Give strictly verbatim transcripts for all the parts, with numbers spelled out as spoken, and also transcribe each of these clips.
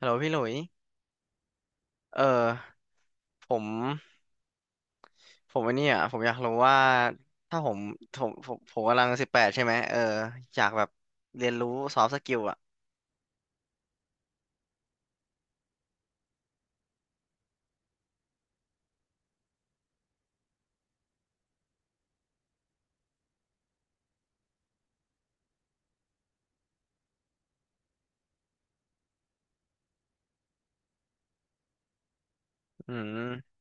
ฮัลโหลพี่หลุย เออผมผมอันนี้อ่ะผมอยากรู้ว่าถ้าผมผมผมผมกำลังสิบแปดใช่ไหมเอออยากแบบเรียนรู้ซอฟต์สกิลอ่ะ อืม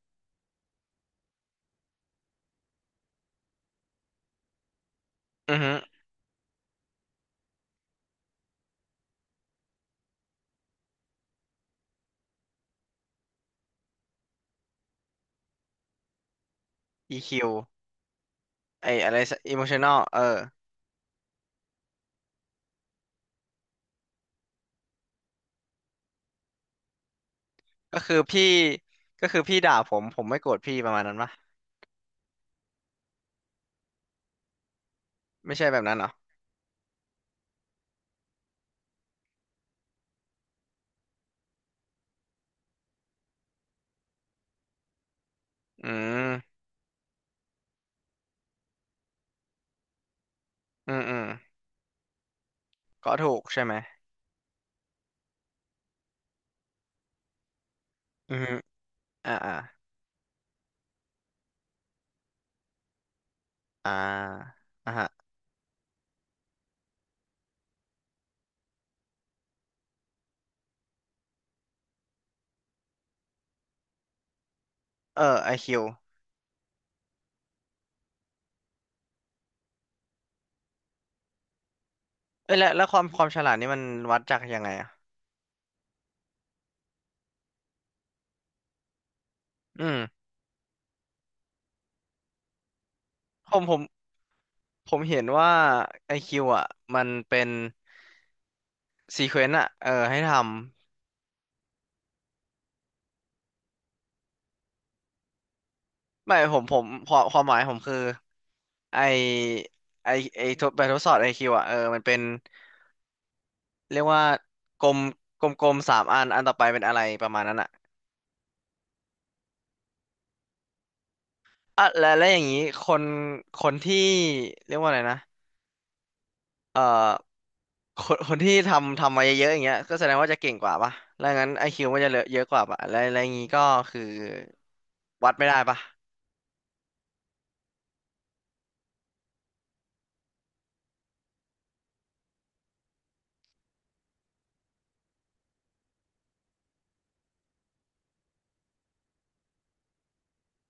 อือฮึ อี คิว ไออะไร emotional เออ ก็คือพี่ก็คือพี่ด่าผมผมไม่โกรธพี่ประมาณนั้นปะไม่ใช่แบบนั้นเหรอ อืม อืมอืมก็ถูกใช่ไหม อือฮึอ่าอ่าอ่าอ่าฮะเออไอคิวเอ้ยแล้วแล้วความความฉลาดนี่มันวัดจากยังไงอ่ะอืมผมผม ผมเห็นว่าไอคิวอ่ะมันเป็นซีเควนต์อ่ะเออให้ทำไม่ผมผมความความหมายผมคือไอไอไอทดไปทดสอบไอคิวอ่ะเออมันเป็นเรียกว่ากลมกลมกลมสามอันอันต่อไปเป็นอะไรประมาณนั้นอ่ะอ่ะและแล้วอย่างนี้คนคนที่เรียกว่าอะไรนะเอ่อคนคนที่ทำทำมาเยอะๆอย่างเงี้ยก็แสดงว่าจะเก่งกว่าป่ะแล้วงั้นไอคิวมันจะเหลือเยอะกว่าป่ะแล้วแล้วอย่างนี้ก็คือวัดไม่ได้ป่ะ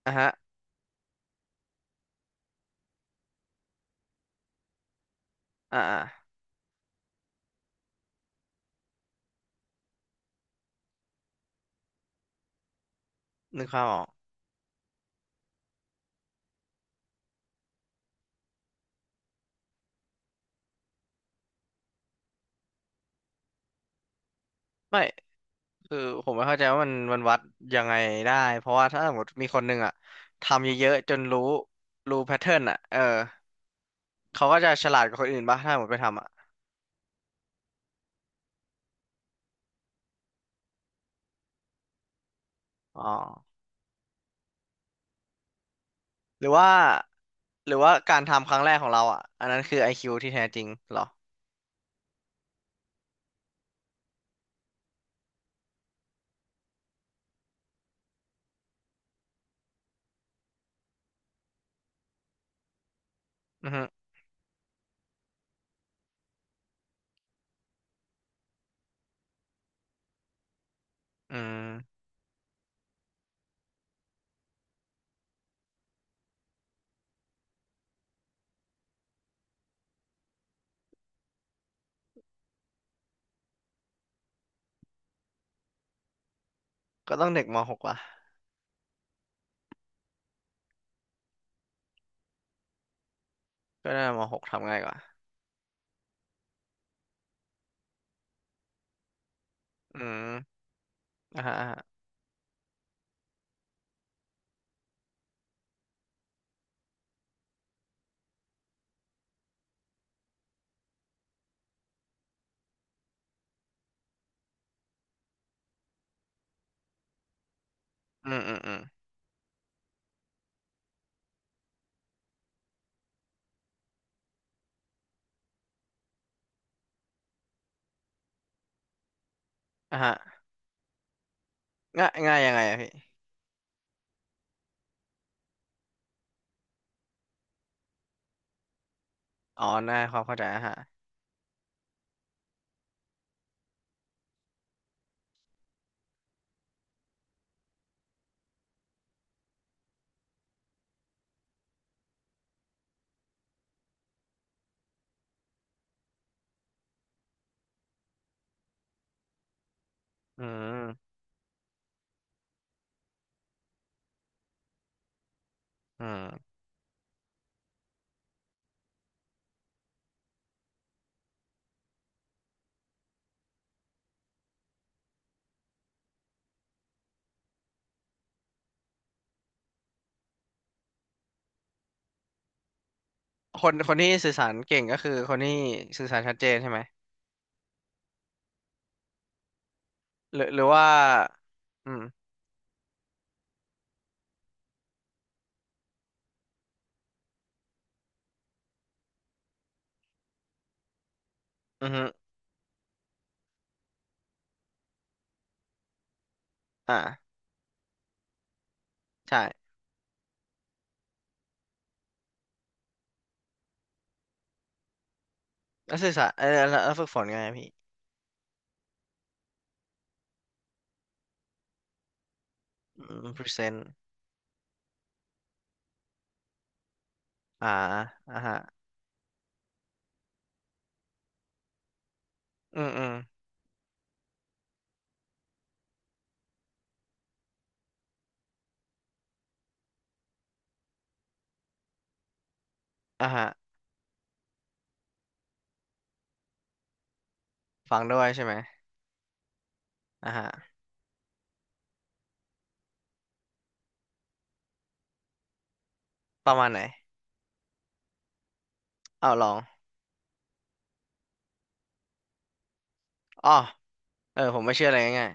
อ่ะฮะอ่า นึกภาพออกไม่คือผมไม่เข้าใจว่ามันมันวัดยังไงได้เพราะว่าถ้าสมมติมีคนหนึ่งอะทำเยอะๆจนรู้รู้แพทเทิร์นอะเออเขาก็จะฉลาดกว่าคนอื่นป่ะถ้าสมมติไปทำอะอ๋อหรือว่าหรือว่าการทำครั้งแรกของเราอะอันนั้นคือ ไอ คิว ที่แท้จริงเหรออือฮึอืมก็ต้องเด็กม .หก ว่ะก็ได้ม .หก ทำง่ายกว่าอืมอ่าฮะอ่าฮะอืมอืมอืมอ่าฮะง่ายง่ายยังไงอะพี่อ๋อง่ายความเข้าใจอ่ะฮะอืมอืม คนคนที่สื่อสารเก่งก็คือคนที่สื่อสารชัดเจนใช่ไหมหรือหรือว่าอืมอือฮึอ่าใช่แล้วสื่อสารเออแล้วแล้วฝึกฝนไงพี่อืม present อ่าอ่าฮะอืมอืมอ่าฮะฟังด้วยใช่ไหมอ่าฮะประมาณไหนเอาลองอ๋อเออผมไม่เชื่ออะไรง่าย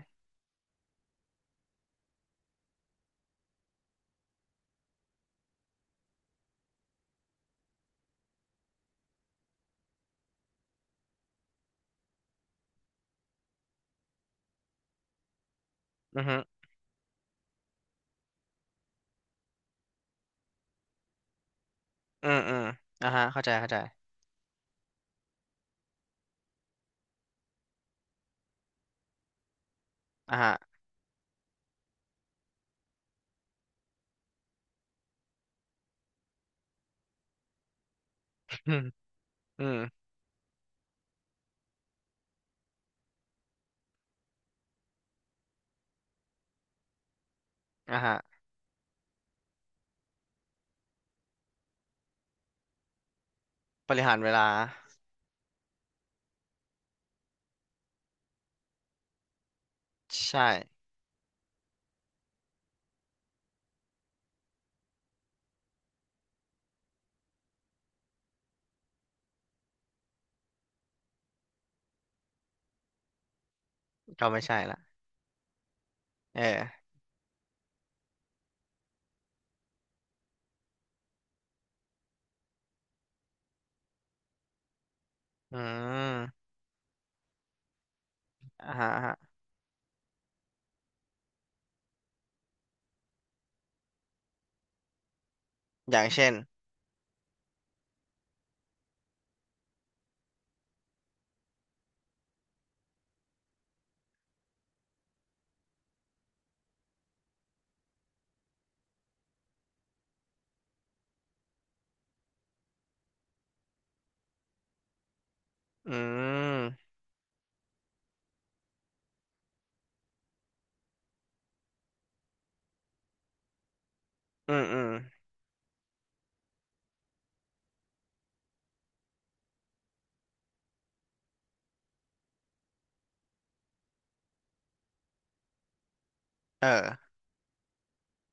ๆอือฮึอืมอืมอ่าฮะเข้าใจเข้าใจอ่าฮะ อืมอืมอ่าฮะบริหารเวลาใช่ก็ไม่ใช่ละเอออืมอ่าฮะอ่าฮะอย่างเช่น อืมอืมอืมเออ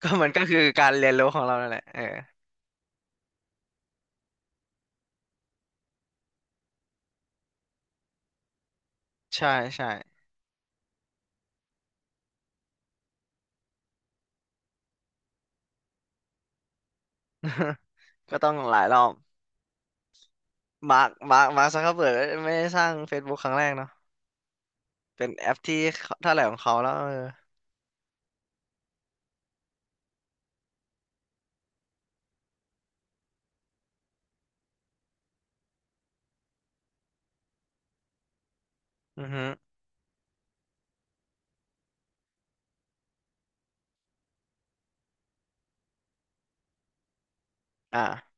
ก็มันก็คือการเรียนรู้ของเรานั่นแหละเออใช่ใช่ ก็ต้องหลายรอบมาร์คมาร์คมาร์คซักเคอร์เบิร์กไม่ได้สร้าง Facebook ครั้งแรกเนาะเป็นแอปที่เขาเท่าไหร่ของเขาแล้วเอออือฮึอ่า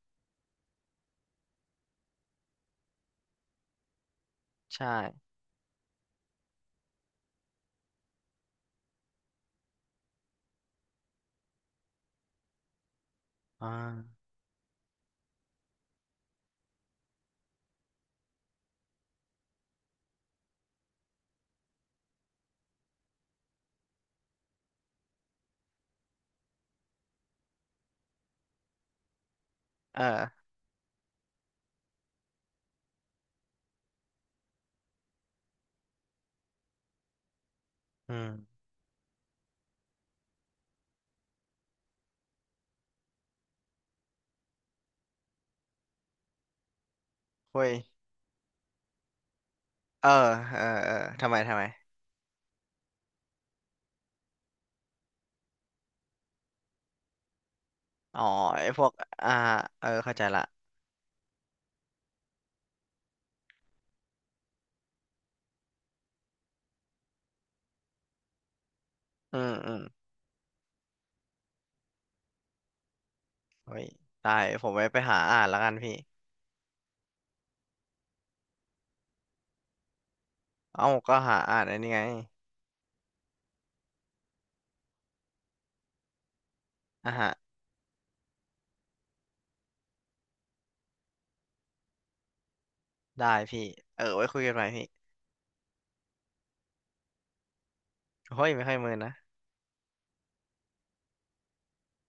ใช่อ่าเอออืมเว้ยเออเออเออทำไมทำไมอ๋อไอ้พวกอ่าเออเข้าใจละอืมอืมเฮ้ยได้ผมไปไปหาอ่านแล้วกันพี่เอ้าก็หาอ่านอันนี้ไงอ่า ได้พี่เออไว้คุยกันใหม่พี่โอ้ยไม่ค่อยเมินนะ